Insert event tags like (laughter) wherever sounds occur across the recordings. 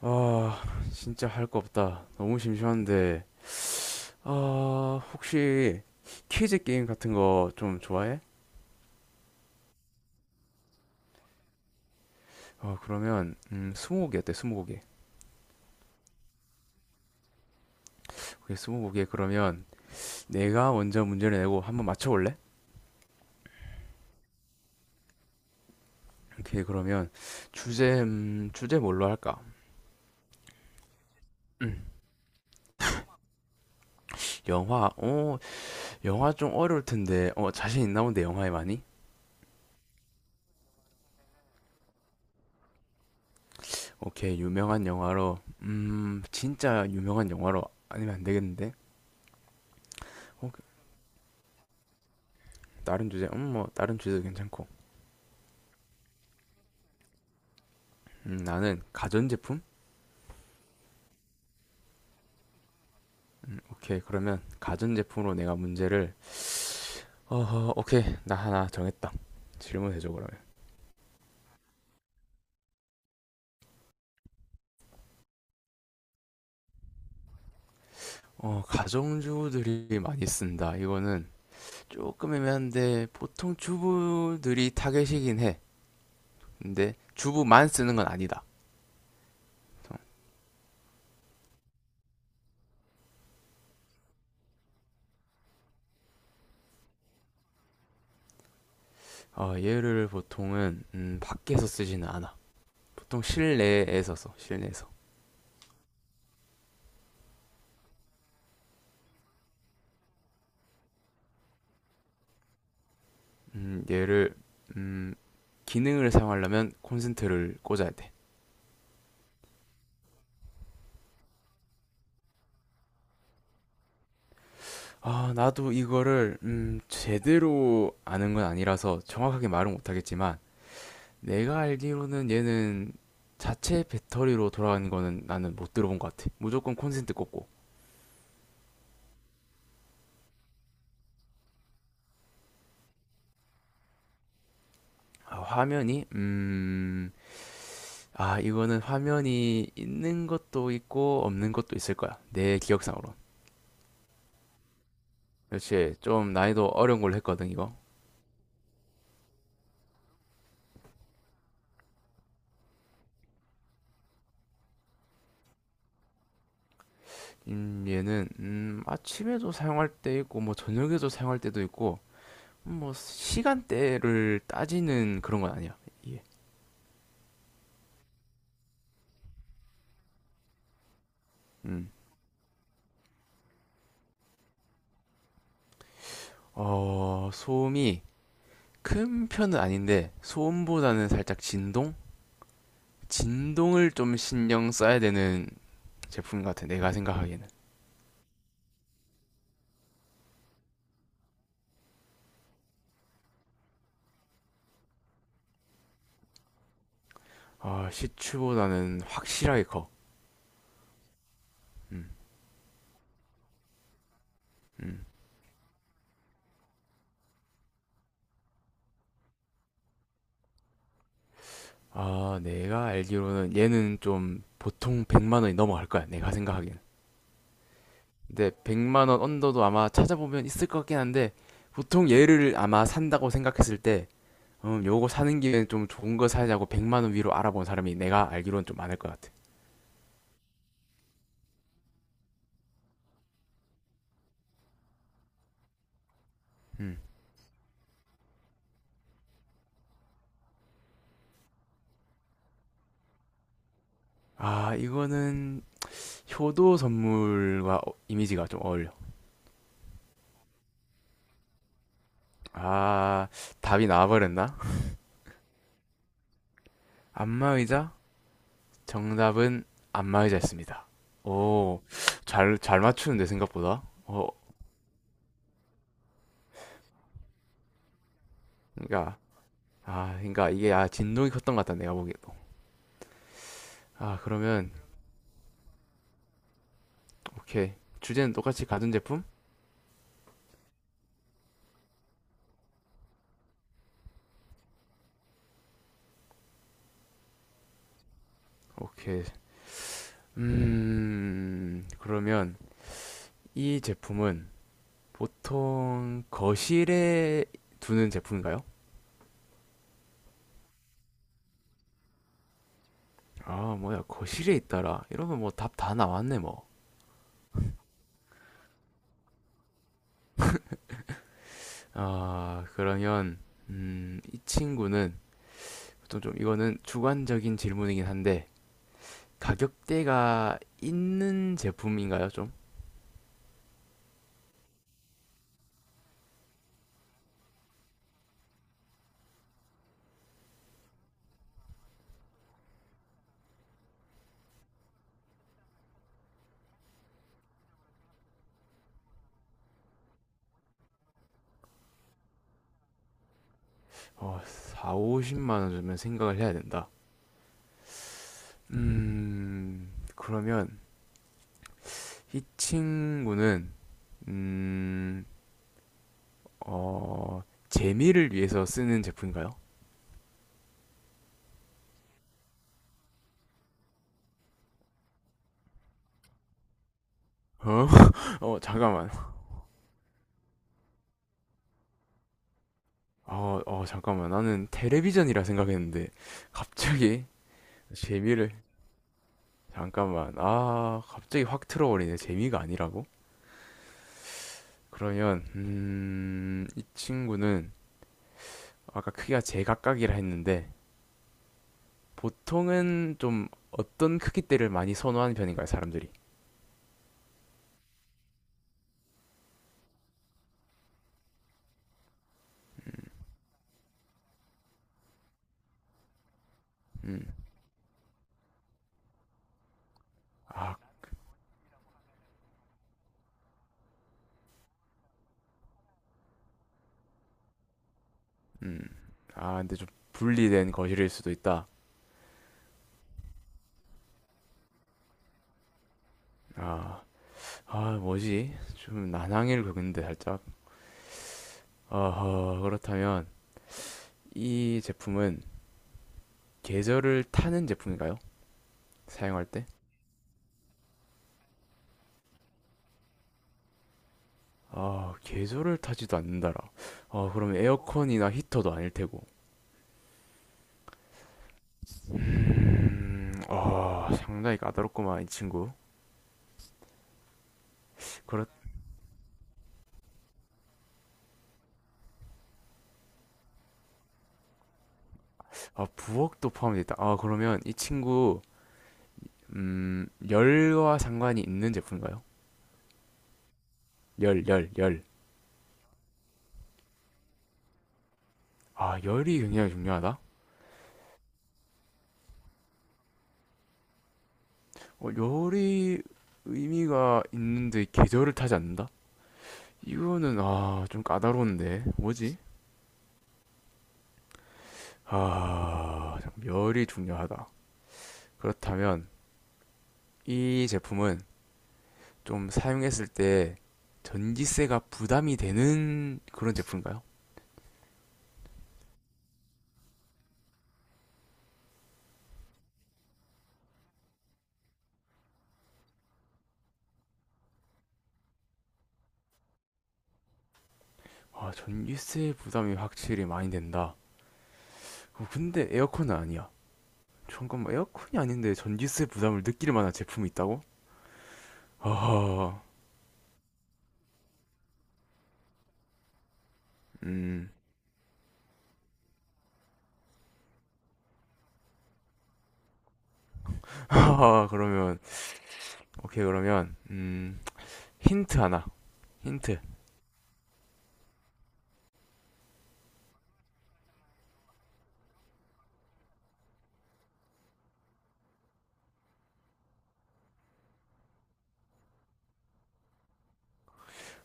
아, 진짜 할 거 없다. 너무 심심한데. 아, 혹시 퀴즈 게임 같은 거 좀 좋아해? 어, 그러면 스무고개 어때? 스무고개. 오케이, 스무고개 그러면 내가 먼저 문제를 내고 한번 맞춰볼래? 오케이, 그러면 주제 주제 뭘로 할까? 음, 영화. 어, 영화 좀 어려울 텐데. 어, 자신 있나 본데 영화에 많이? 오케이, 유명한 영화로. 진짜 유명한 영화로 아니면 안 되겠는데? 어, 다른 주제. 뭐 다른 주제도 괜찮고. 나는 가전제품? 오케이, 그러면 가전제품으로 내가 문제를, 어, 오케이, 나 하나 정했다. 질문해줘, 그러면. 어, 가정주부들이 많이 쓴다. 이거는 조금 애매한데, 보통 주부들이 타겟이긴 해. 근데 주부만 쓰는 건 아니다. 어, 얘를 보통은, 밖에서 쓰지는 않아. 보통 실내에서 써, 실내에서. 음, 얘를, 음, 기능을 사용하려면 콘센트를 꽂아야 돼. 아, 나도 이거를 제대로 아는 건 아니라서 정확하게 말은 못하겠지만 내가 알기로는 얘는 자체 배터리로 돌아가는 거는 나는 못 들어본 것 같아. 무조건 콘센트 꽂고. 아, 화면이 아, 이거는 화면이 있는 것도 있고 없는 것도 있을 거야. 내 기억상으로. 그렇지. 좀 난이도 어려운 걸로 했거든, 이거. 얘는 아침에도 사용할 때 있고 뭐 저녁에도 사용할 때도 있고 뭐 시간대를 따지는 그런 건 아니야. 이게. 음. 어, 소음이 큰 편은 아닌데 소음보다는 살짝 진동? 진동을 좀 신경 써야 되는 제품 같아. 내가 생각하기에는. 아, 시추보다는 확실하게 커. 음. 음. 아, 내가 알기로는 얘는 좀 보통 100만 원이 넘어갈 거야. 내가 생각하기에는. 근데 100만 원 언더도 아마 찾아보면 있을 것 같긴 한데 보통 얘를 아마 산다고 생각했을 때 요거 사는 김에 좀 좋은 거 사자고 100만 원 위로 알아본 사람이 내가 알기로는 좀 많을 것 같아. 음. 아, 이거는 효도 선물과 이미지가 좀 어울려. 아, 답이 나와버렸나? 안마의자? 정답은 안마의자였습니다. 오, 잘 맞추는데, 생각보다. 어, 그니까, 아, 그니까 이게, 아, 진동이 컸던 것 같다, 내가 보기에도. 아, 그러면, 오케이. 주제는 똑같이 가전제품? 오케이. 그러면, 이 제품은 보통 거실에 두는 제품인가요? 아, 뭐야, 거실에 있더라. 이러면 뭐 답 다 나왔네, 뭐. 아, 그러면, 이 친구는, 보통 좀 이거는 주관적인 질문이긴 한데, 가격대가 있는 제품인가요, 좀? 어, 4, 50만 원 주면 생각을 해야 된다. 그러면, 이 친구는, 음, 어, 재미를 위해서 쓰는 제품인가요? 어? 어 잠깐만 어, 어 잠깐만 나는 텔레비전이라 생각했는데 갑자기 재미를 잠깐만 아 갑자기 확 틀어버리네 재미가 아니라고 그러면 이 친구는 아까 크기가 제각각이라 했는데 보통은 좀 어떤 크기대를 많이 선호하는 편인가요 사람들이 음아음아 근데 좀 분리된 거실일 수도 있다 아 아, 뭐지 좀 난항일 근데 살짝 어허 그렇다면 이 제품은 계절을 타는 제품인가요? 사용할 때? 아, 계절을 타지도 않는다라. 아, 그러면 에어컨이나 히터도 아닐 테고. 아, 상당히 까다롭구만, 이 친구. 그렇, 아, 부엌도 포함되어 있다. 아, 그러면 이 친구, 열과 상관이 있는 제품인가요? 열, 열, 열. 아, 열이 굉장히 중요하다? 어, 열이 의미가 있는데 계절을 타지 않는다? 이거는, 아, 좀 까다로운데. 뭐지? 아, 열이 중요하다. 그렇다면, 이 제품은 좀 사용했을 때 전기세가 부담이 되는 그런 제품인가요? 아, 전기세 부담이 확실히 많이 된다. 어, 근데 에어컨은 아니야. 잠깐만, 에어컨이 아닌데 전기세 부담을 느낄 만한 제품이 있다고? 아, 음, 아, 그러면, 오케이, 그러면, 힌트 하나, 힌트.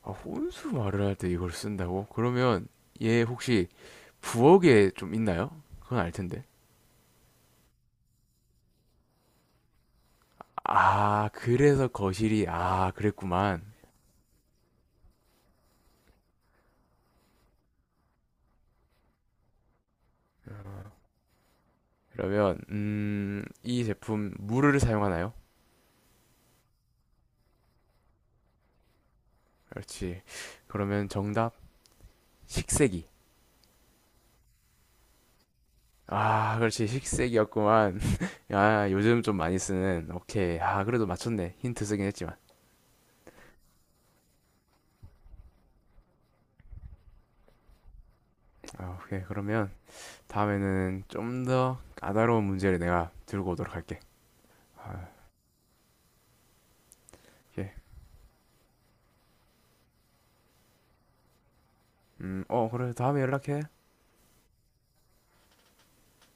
아, 혼수 말을 할 때 이걸 쓴다고? 그러면 얘 혹시 부엌에 좀 있나요? 그건 알 텐데. 아, 그래서 거실이, 아, 그랬구만. 그러면, 이 제품, 물을 사용하나요? 그렇지. 그러면 정답, 식세기. 아, 그렇지. 식세기였구만. (laughs) 아, 요즘 좀 많이 쓰는, 오케이. 아, 그래도 맞췄네. 힌트 쓰긴 했지만. 아, 오케이. 그러면, 다음에는 좀 더 까다로운 문제를 내가 들고 오도록 할게. 아, 오케이. 어, 그래. 다음에 연락해.